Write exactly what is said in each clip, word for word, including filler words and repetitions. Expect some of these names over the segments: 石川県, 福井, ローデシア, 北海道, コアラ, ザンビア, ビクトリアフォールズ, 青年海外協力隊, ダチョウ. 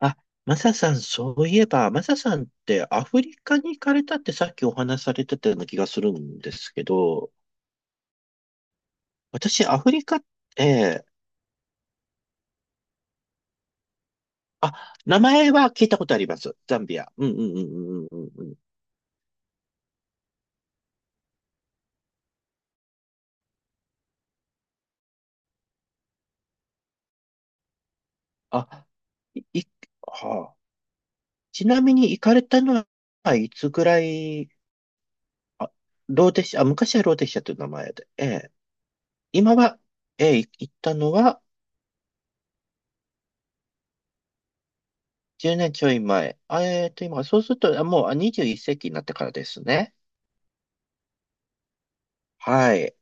あ、マサさん、そういえば、マサさんってアフリカに行かれたってさっきお話しされてたような気がするんですけど、私、アフリカって、あ、名前は聞いたことあります。ザンビア。うんうんうんうんうんうんうん。あ、い、いはあ、ちなみに行かれたのはいつぐらい、あ、ローテシア、あ、昔はローテシアという名前で、ええ、今は、ええ、い行ったのはじゅうねんちょい前。あえっと、今、そうすると、あもうあにじゅういっ世紀になってからですね。はい。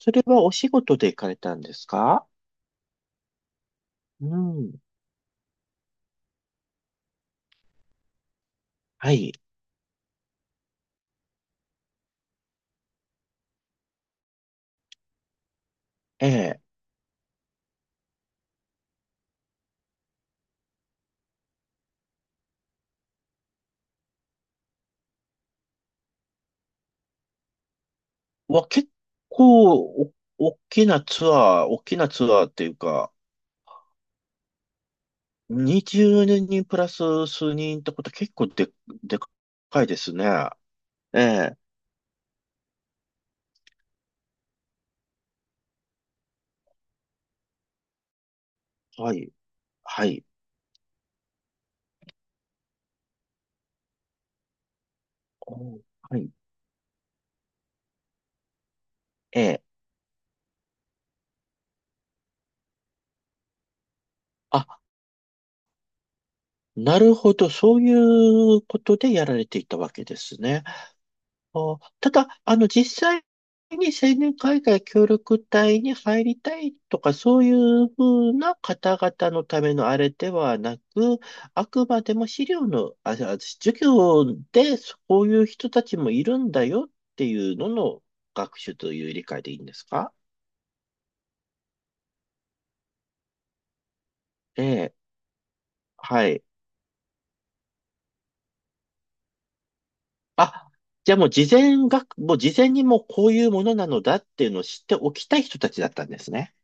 それはお仕事で行かれたんですか？うん。はい。ええ。わ、結構、お、大きなツアー、大きなツアーっていうか、にじゅうにんプラス数人ってこと結構で、でかいですね。ええ。はい。はい。おはい。ええ。あ、なるほど。そういうことでやられていたわけですね。あー、ただ、あの、実際に青年海外協力隊に入りたいとか、そういうふうな方々のためのあれではなく、あくまでも資料の、あ、あ授業でそういう人たちもいるんだよっていうのの学習という理解でいいんですか？ええ、はい。あ、じゃあもう事前学、もう事前にもうこういうものなのだっていうのを知っておきたい人たちだったんですね。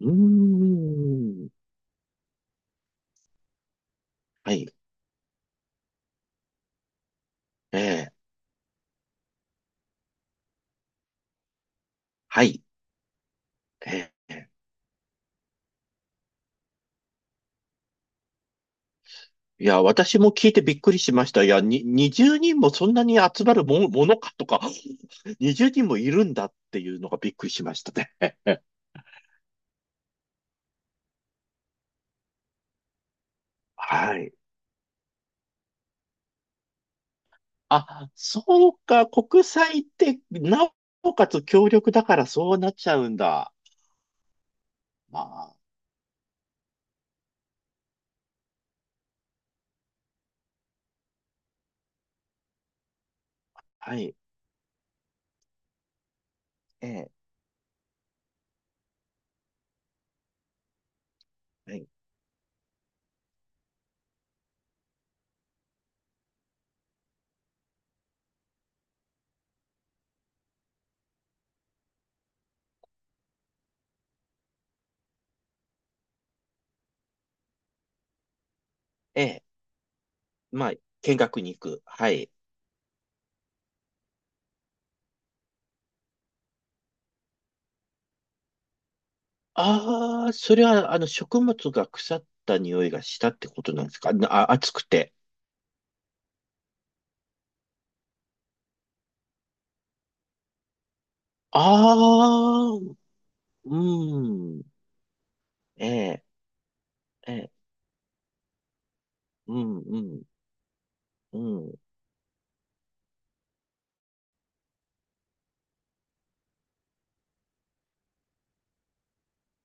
うーん。はい。ええ。はい。ええ、いや、私も聞いてびっくりしました。いや、に、にじゅうにんもそんなに集まるも、ものかとか、にじゅうにんもいるんだっていうのがびっくりしましたね。はい。あ、そうか、国際って、なおかつ協力だからそうなっちゃうんだ。まあ、はい。ええ、はい。ええ、まあ、見学に行く。はい。ああ、それは、あの、食物が腐った匂いがしたってことなんですか、なあ、暑くて。ああ、うん。ええ、ええ、うん、うん、うん。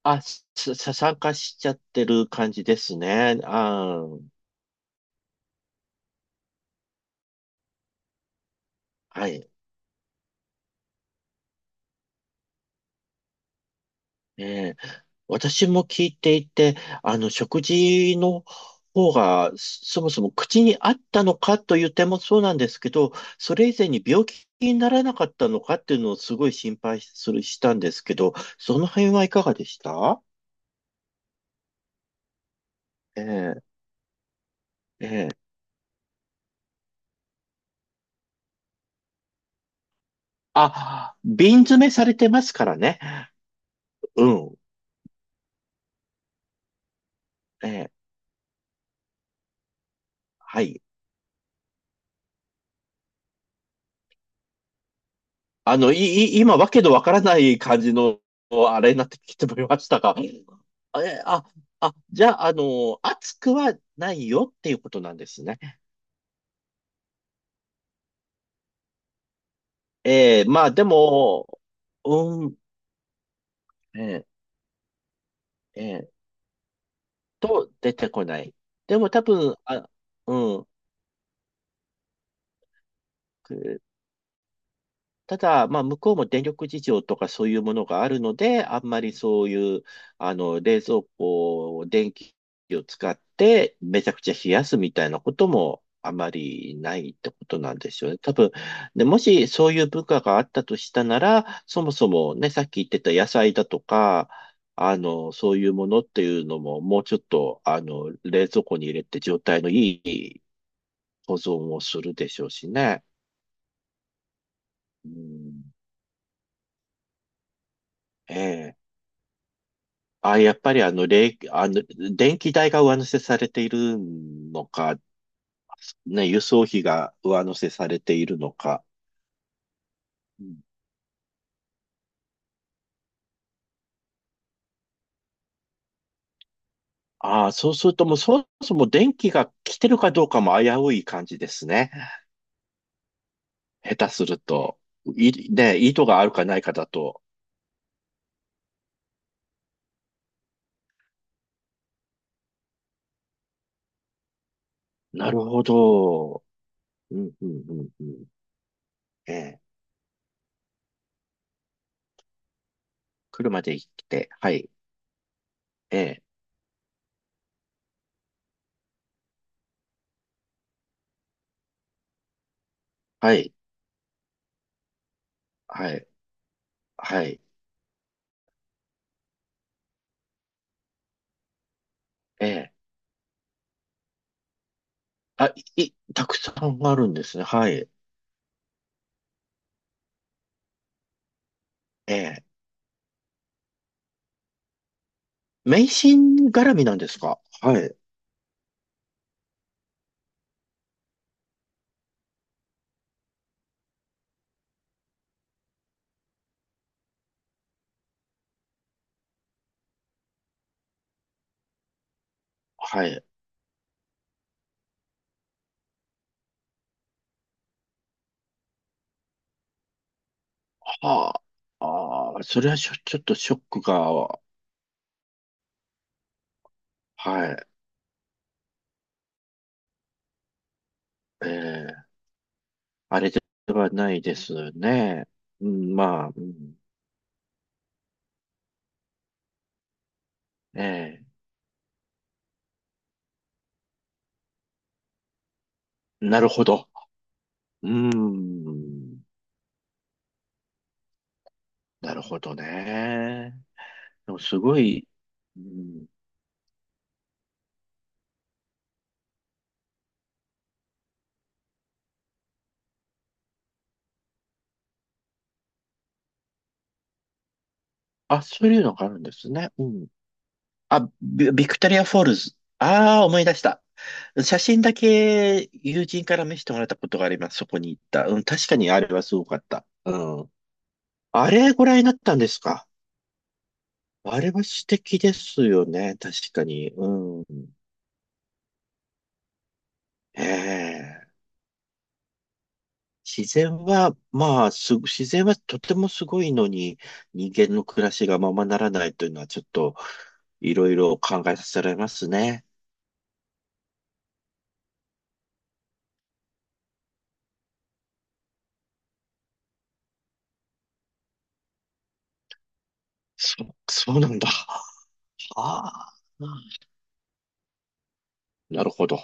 あ、さ、さ参加しちゃってる感じですね。あー、はい。ええ、私も聞いていて、あの、食事の方が、そそもそも口に合ったのかという点もそうなんですけど、それ以前に病気にならなかったのかっていうのをすごい心配する、したんですけど、その辺はいかがでした？ええ、ええ。あ、瓶詰めされてますからね。うん。ええ、はい。あの、い、い、今、わけのわからない感じの、あれになってきてもらいましたが、え、あ、あ、じゃあ、あの、暑くはないよっていうことなんですね。ええ、まあ、でも、うん、ええ、ええ、と、出てこない。でも、多分、あ、うん、ただ、まあ、向こうも電力事情とかそういうものがあるので、あんまりそういう、あの、冷蔵庫を電気を使ってめちゃくちゃ冷やすみたいなこともあまりないってことなんですよね。多分、で、もしそういう文化があったとしたなら、そもそもね、さっき言ってた野菜だとか、あの、そういうものっていうのも、もうちょっと、あの、冷蔵庫に入れて状態のいい保存をするでしょうしね。うん、ええ、あ、やっぱりあの、れい、あの、電気代が上乗せされているのか、ね、輸送費が上乗せされているのか。うん、ああ、そうするともうそもそも電気が来てるかどうかも危うい感じですね。下手すると。い、ね、意図があるかないかだと。なるほど。うん、うん、うん、うん。ええ。車で行って、はい。ええ。はい。はい。はい。ええ。あ、い、たくさんあるんですね。はい。ええ。迷信絡みなんですか？はい。はい。はあ。ああ、それはしょ、ちょっとショックが、はい。ええ、ではないですね。うん、まあ、うん、ええ、なるほど。うーん、なるほどね。でもすごい、うん、あ、そういうのがあるんですね。うん、あ、ビビクトリアフォールズ。ああ、思い出した。写真だけ友人から見せてもらったことがあります。そこに行った。うん、確かにあれはすごかった。うん。あれご覧になったんですか？あれは素敵ですよね。確かに。うん。ええ。自然は、まあ、す、自然はとてもすごいのに、人間の暮らしがままならないというのは、ちょっと、いろいろ考えさせられますね。そ、そうなんだ。ああ、なるほど。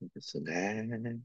ですね。